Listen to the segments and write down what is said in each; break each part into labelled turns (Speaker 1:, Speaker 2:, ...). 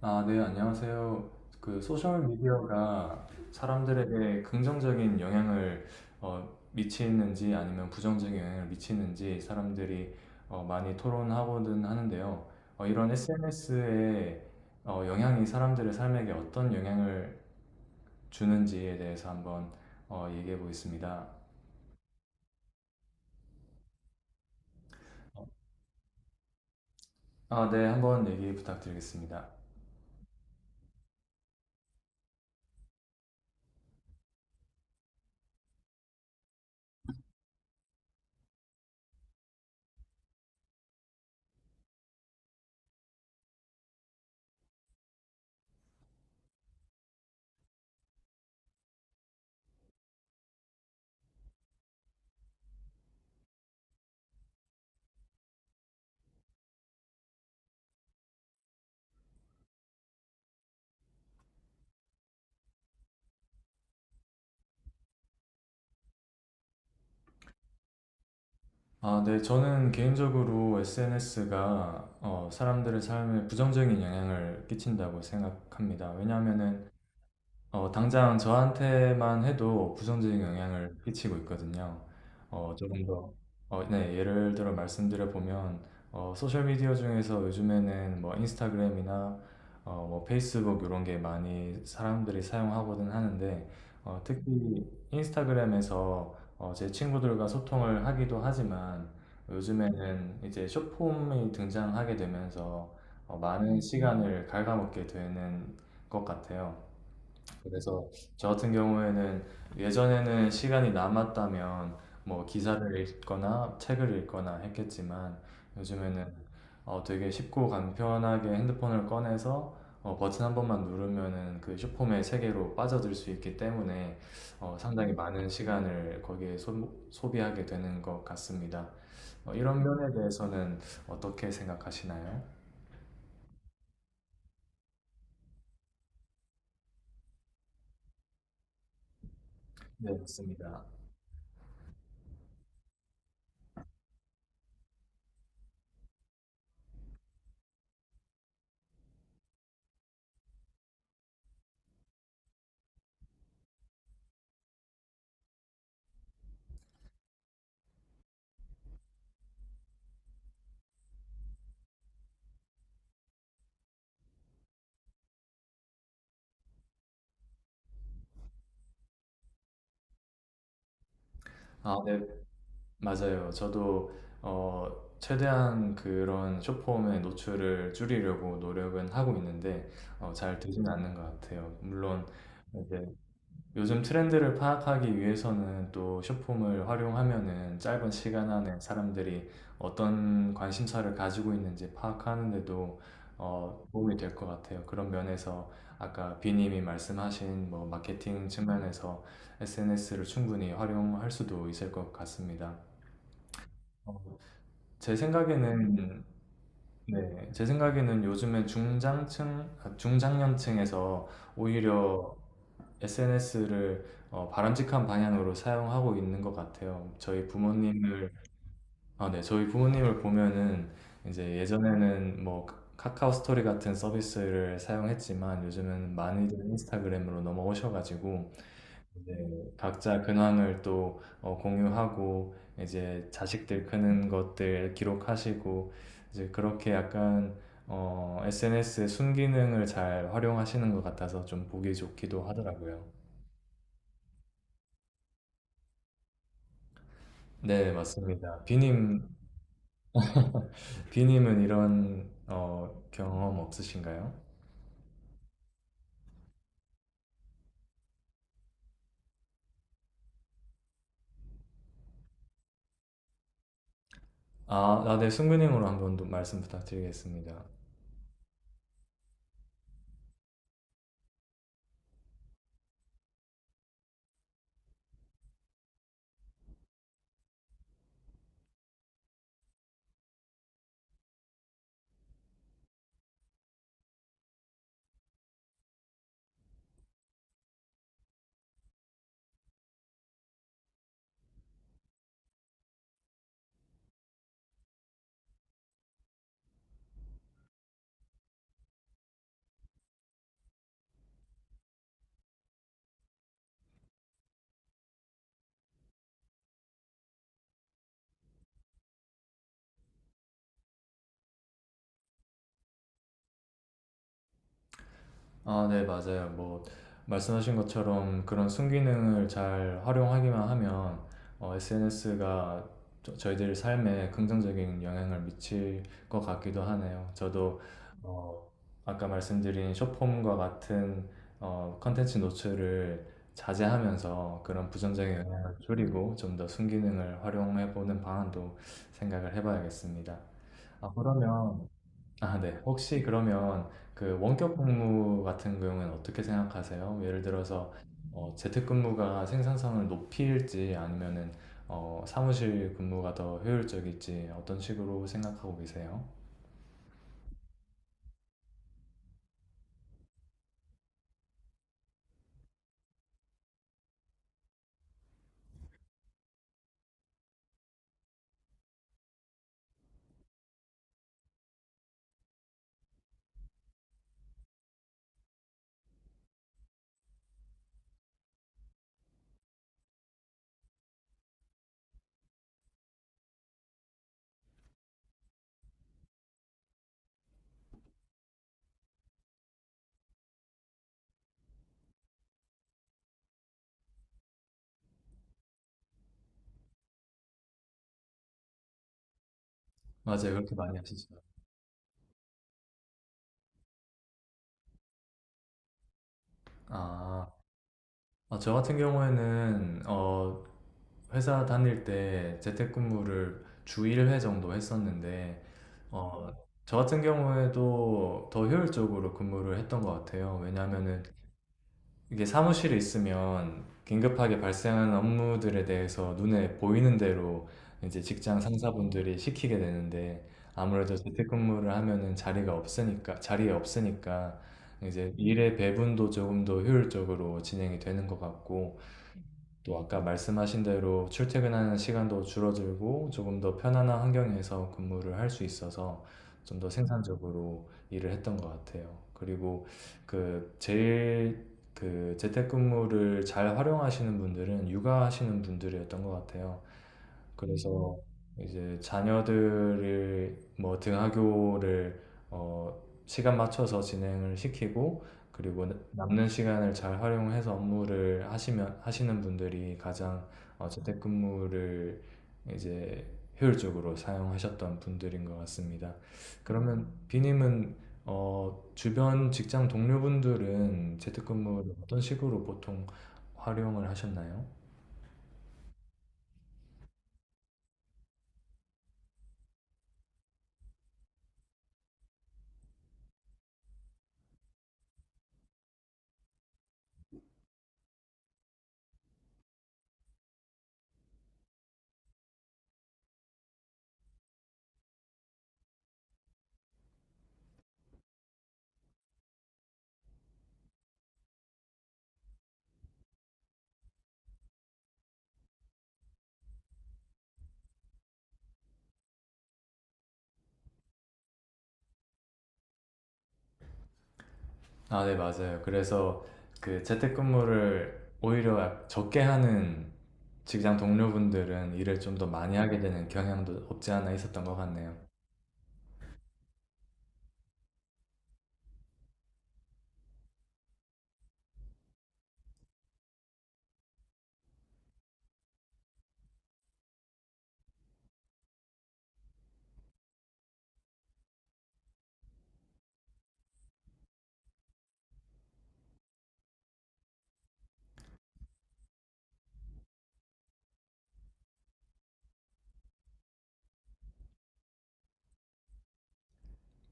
Speaker 1: 아, 네, 안녕하세요. 그 소셜 미디어가 사람들에게 긍정적인 영향을 어, 미치는지 아니면 부정적인 영향을 미치는지 사람들이 많이 토론하고는 하는데요. 이런 SNS의 영향이 사람들의 삶에게 어떤 영향을 주는지에 대해서 한번 얘기해 보겠습니다. 아, 네, 한번 얘기 부탁드리겠습니다. 아, 네. 저는 개인적으로 SNS가 사람들의 삶에 부정적인 영향을 끼친다고 생각합니다. 왜냐하면은 당장 저한테만 해도 부정적인 영향을 끼치고 있거든요. 어, 조금 더, 네, 예를 들어 말씀드려보면, 소셜미디어 중에서 요즘에는 뭐 인스타그램이나 뭐 페이스북 이런 게 많이 사람들이 사용하거든 하는데, 특히 인스타그램에서 제 친구들과 소통을 하기도 하지만, 요즘에는 이제 숏폼이 등장하게 되면서 많은 시간을 갉아먹게 되는 것 같아요. 그래서 저 같은 경우에는 예전에는 시간이 남았다면 뭐 기사를 읽거나 책을 읽거나 했겠지만 요즘에는 되게 쉽고 간편하게 핸드폰을 꺼내서 버튼 한 번만 누르면은 그 슈퍼맨 세계로 빠져들 수 있기 때문에 상당히 많은 시간을 거기에 소비하게 되는 것 같습니다. 이런 면에 대해서는 어떻게 생각하시나요? 네, 맞습니다. 아, 네. 맞아요. 저도 어, 최대한 그런 숏폼의 노출을 줄이려고 노력은 하고 있는데 잘 되지는 않는 것 같아요. 물론 이제 요즘 트렌드를 파악하기 위해서는 또 숏폼을 활용하면은 짧은 시간 안에 사람들이 어떤 관심사를 가지고 있는지 파악하는데도 도움이 될 것 같아요. 그런 면에서 아까 비님이 말씀하신 뭐 마케팅 측면에서 SNS를 충분히 활용할 수도 있을 것 같습니다. 제 생각에는 네, 제 생각에는 요즘에 중장년층에서 오히려 SNS를 바람직한 방향으로 사용하고 있는 것 같아요. 저희 부모님을 아, 네, 저희 부모님을 보면은 이제 예전에는 뭐 카카오 스토리 같은 서비스를 사용했지만 요즘은 많이들 인스타그램으로 넘어오셔가지고 이제 각자 근황을 또 공유하고 이제 자식들 크는 것들 기록하시고 이제 그렇게 약간 SNS의 순기능을 잘 활용하시는 것 같아서 좀 보기 좋기도 하더라고요. 네, 맞습니다. 비님, 비님은 이런 경험 없으신가요? 아, 아, 네, 순기능으로 한번 더 말씀 부탁드리겠습니다. 아, 네, 맞아요. 뭐, 말씀하신 것처럼 그런 순기능을 잘 활용하기만 하면 SNS가 저희들 삶에 긍정적인 영향을 미칠 것 같기도 하네요. 저도 어, 아까 말씀드린 숏폼과 같은 컨텐츠 노출을 자제하면서 그런 부정적인 영향을 줄이고 좀 더 순기능을 활용해 보는 방안도 생각을 해봐야겠습니다. 아, 그러면 아, 네. 혹시 그러면 그 원격 근무 같은 경우에는 어떻게 생각하세요? 예를 들어서 재택근무가 생산성을 높일지 아니면은 사무실 근무가 더 효율적일지 어떤 식으로 생각하고 계세요? 맞아요. 그렇게 많이 하시죠. 아, 아, 저 같은 경우에는 회사 다닐 때 재택근무를 주 1회 정도 했었는데 어, 저 같은 경우에도 더 효율적으로 근무를 했던 것 같아요. 왜냐하면은 이게 사무실에 있으면 긴급하게 발생하는 업무들에 대해서 눈에 보이는 대로 이제 직장 상사분들이 시키게 되는데 아무래도 재택근무를 하면은 자리가 없으니까 자리에 없으니까 이제 일의 배분도 조금 더 효율적으로 진행이 되는 것 같고 또 아까 말씀하신 대로 출퇴근하는 시간도 줄어들고 조금 더 편안한 환경에서 근무를 할 수 있어서 좀 더 생산적으로 일을 했던 것 같아요. 그리고 그 제일 그 재택근무를 잘 활용하시는 분들은 육아하시는 분들이었던 것 같아요. 그래서 이제 자녀들을 뭐 등하교를 시간 맞춰서 진행을 시키고 그리고 남는 시간을 잘 활용해서 업무를 하시면 하시는 분들이 가장 재택근무를 이제 효율적으로 사용하셨던 분들인 것 같습니다. 그러면 비님은 주변 직장 동료분들은 재택근무를 어떤 식으로 보통 활용을 하셨나요? 아, 네, 맞아요. 그래서 그 재택근무를 오히려 적게 하는 직장 동료분들은 일을 좀 더 많이 하게 되는 경향도 없지 않아 있었던 것 같네요.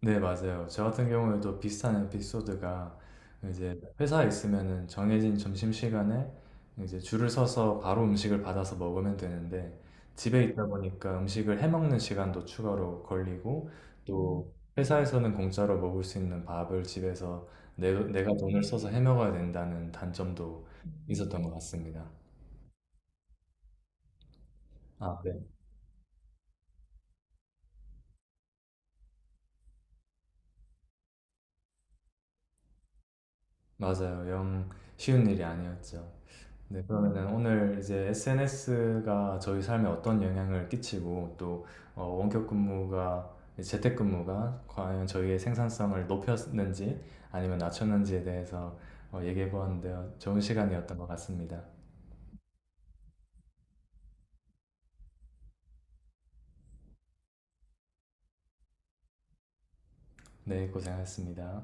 Speaker 1: 네, 맞아요. 저 같은 경우에도 비슷한 에피소드가 이제 회사에 있으면은 정해진 점심시간에 이제 줄을 서서 바로 음식을 받아서 먹으면 되는데 집에 있다 보니까 음식을 해먹는 시간도 추가로 걸리고 또 회사에서는 공짜로 먹을 수 있는 밥을 집에서 내가 돈을 써서 해먹어야 된다는 단점도 있었던 것 같습니다. 아, 네. 맞아요. 영 쉬운 일이 아니었죠. 네, 그러면은 오늘 이제 SNS가 저희 삶에 어떤 영향을 끼치고 또 어, 원격 근무가 재택 근무가 과연 저희의 생산성을 높였는지 아니면 낮췄는지에 대해서 얘기해 보았는데요. 좋은 시간이었던 것 같습니다. 네, 고생하셨습니다.